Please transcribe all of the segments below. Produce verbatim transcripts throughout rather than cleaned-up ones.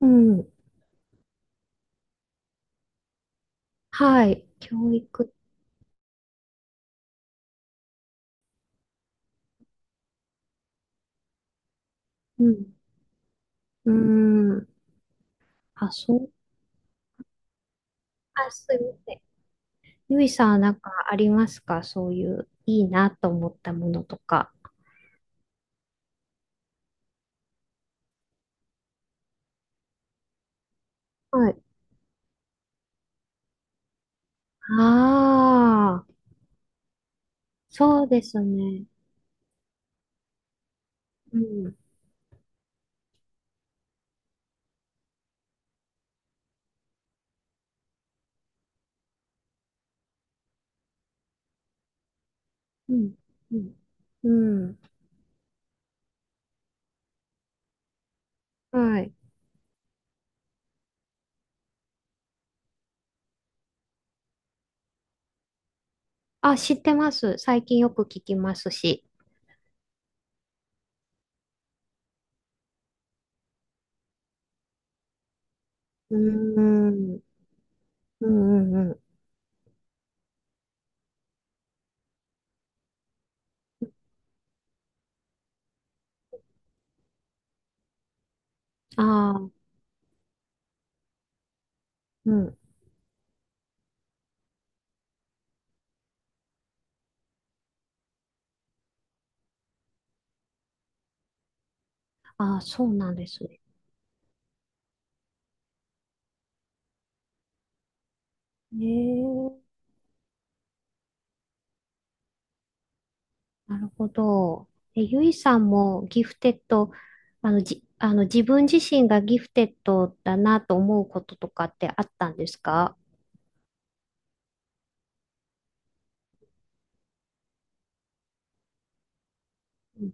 うん。はい。教育。うん。うん。あ、そう。あ、すいません。ゆいさんはなんかありますか？そういういいなと思ったものとか。はい。ああ、そうですね。うん。うん。うん。うん。はい。あ、知ってます。最近よく聞きますし。うーん。うんうんうん。ああ、うん。ああ、そうなんですね。ええ、なるほど。え、ゆいさんもギフテッド、あの、じ、あの、自分自身がギフテッドだなと思うこととかってあったんですか？うん。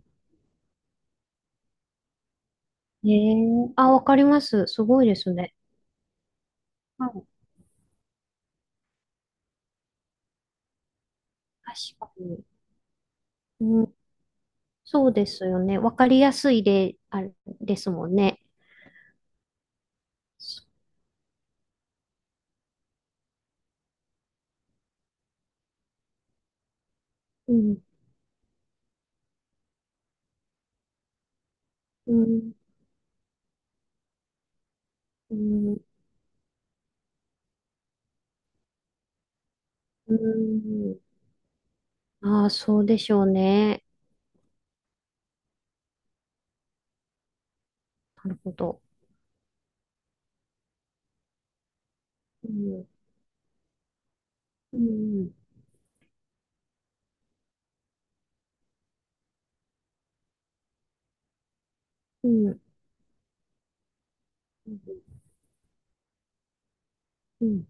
えー、あ、わかります。すごいですね。はい、確かに。うん、そうですよね。わかりやすいで、あれですもんね。そうん、うん、うん、うん。ああ、そうでしょうね。なるほど。うん、うん、うん、うん。うん、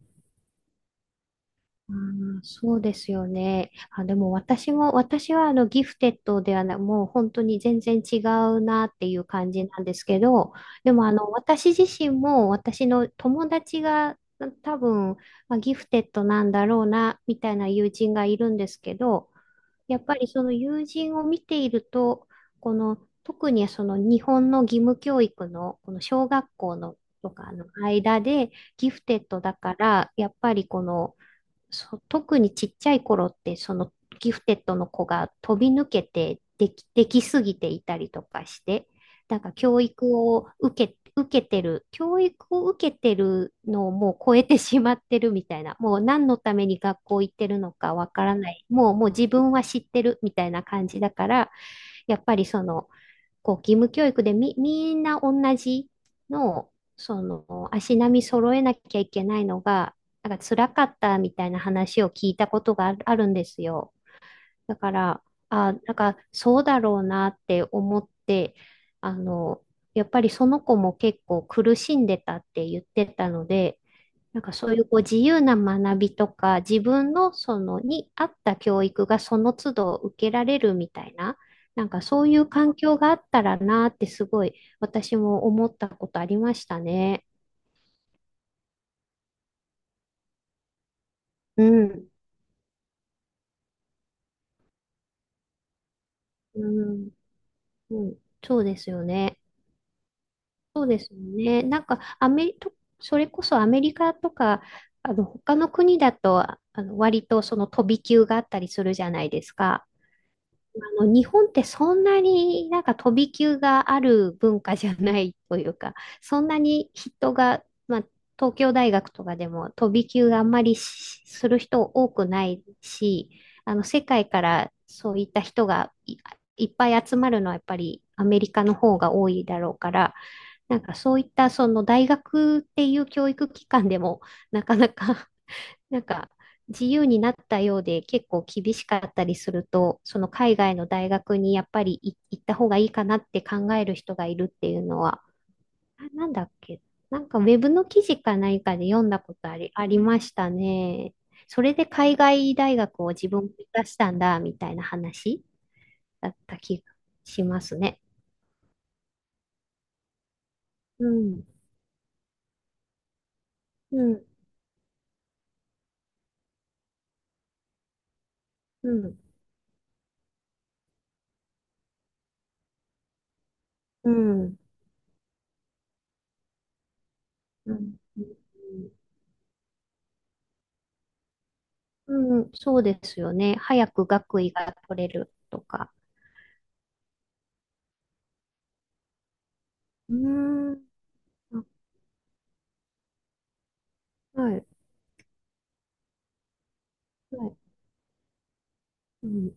あー、そうですよね。あ、でも私も、私はあのギフテッドではない、もう本当に全然違うなっていう感じなんですけど、でもあの私自身も私の友達が多分、まあ、ギフテッドなんだろうなみたいな友人がいるんですけど、やっぱりその友人を見ていると、この特にその日本の義務教育のこの小学校のとかの間でギフテッドだから、やっぱりこのそう、特にちっちゃい頃って、そのギフテッドの子が飛び抜けてでき、できすぎていたりとかして、なんか教育を受け、受けてる、教育を受けてるのをもう超えてしまってるみたいな、もう何のために学校行ってるのかわからない、もう、もう自分は知ってるみたいな感じだから、やっぱりその、こう義務教育でみ、みんな同じのを、その足並み揃えなきゃいけないのが、なんか辛かったみたいな話を聞いたことがあるあるんですよ。だから、あ、なんかそうだろうなって思って、あの、やっぱりその子も結構苦しんでたって言ってたので、なんかそういうこう自由な学びとか、自分のそのに合った教育がその都度受けられるみたいな、なんかそういう環境があったらなーってすごい私も思ったことありましたね。うん。うん。うん。そうですよね。そうですよね。なんかアメリ、とそれこそアメリカとか、あの他の国だと、あの割とその飛び級があったりするじゃないですか。あの、日本ってそんなになんか飛び級がある文化じゃないというか、そんなに人が、まあ、東京大学とかでも飛び級があんまりしする人多くないし、あの、世界からそういった人がい、いっぱい集まるのはやっぱりアメリカの方が多いだろうから、なんかそういったその大学っていう教育機関でもなかなかなんか自由になったようで結構厳しかったりすると、その海外の大学にやっぱりい行った方がいいかなって考える人がいるっていうのは、あ、なんだっけ、なんかウェブの記事か何かで読んだことあり、ありましたね。それで海外大学を自分で出したんだみたいな話だった気がしますね。うん、うん、うん、うん、うん、うん、うん、そうですよね。早く学位が取れるとか。うーん。あ、はい。はい。うん。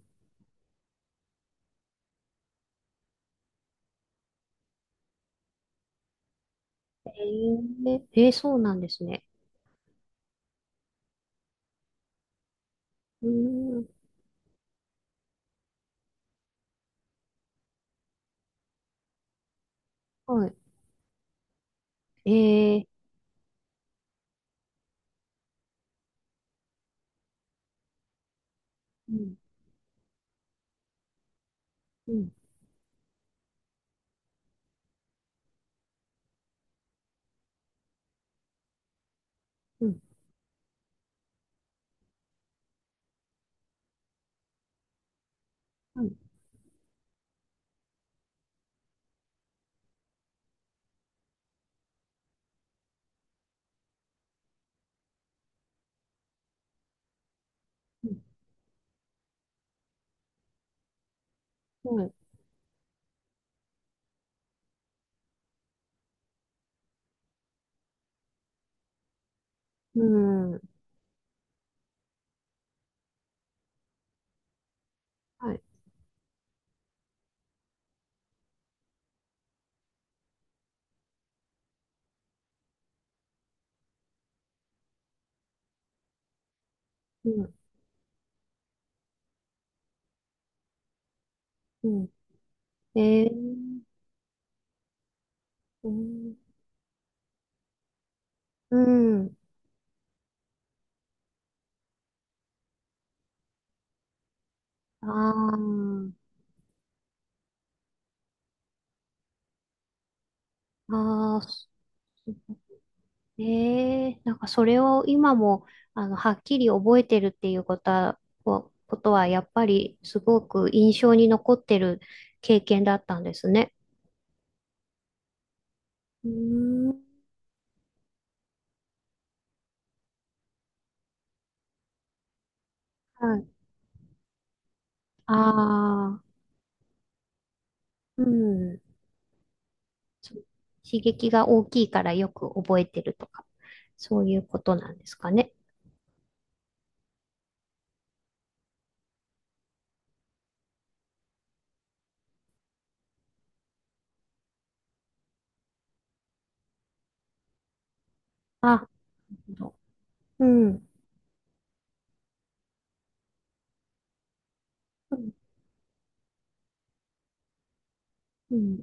えー、えー、そうなんですね。うーん。はい。えー、うん。うん。うん。はい。うん。はい。うん。はい。うん。うん。えー、うん。うん。ああ、ああ、すええ、なんかそれを今も、あの、はっきり覚えてるっていうことは、こことはやっぱりすごく印象に残ってる経験だったんですね。うーん。はい。ああ、うん。そう、刺激が大きいからよく覚えてるとか、そういうことなんですかね。あ、なるほど。うん。うん。うん、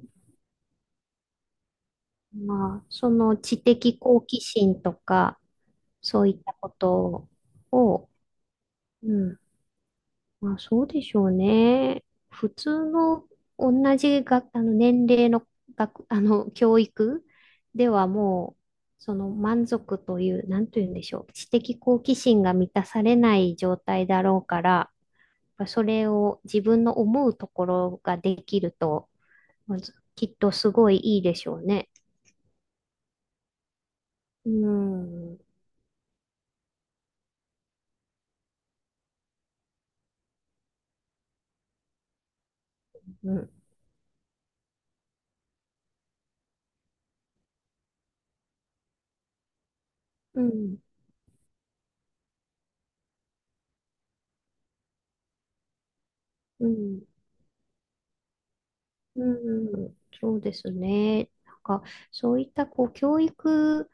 まあ、その知的好奇心とか、そういったことを、うん。まあそうでしょうね。普通の同じ学あの年齢の学、あの教育ではもう、その満足という、なんというんでしょう、知的好奇心が満たされない状態だろうから、やっぱそれを自分の思うところができると、まずきっとすごいいいでしょうね。うん、うん、うん、うん。うん、そうですね。なんか、そういったこう教育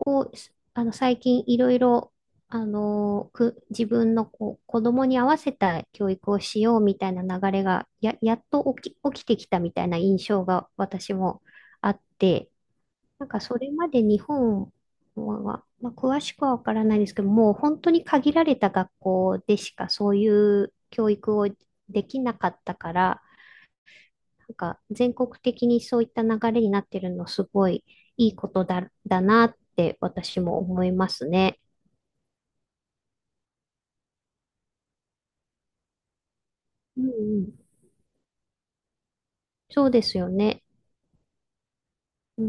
を、すあの、最近いろいろ、あの、く、自分のこう子供に合わせた教育をしようみたいな流れが、や、やっと起き、起きてきたみたいな印象が私もあって、なんかそれまで日本は、まあ、詳しくはわからないですけど、もう本当に限られた学校でしかそういう教育をできなかったから、なんか全国的にそういった流れになってるのすごいいいことだ、だなって私も思いますね。うんうん。そうですよね。うん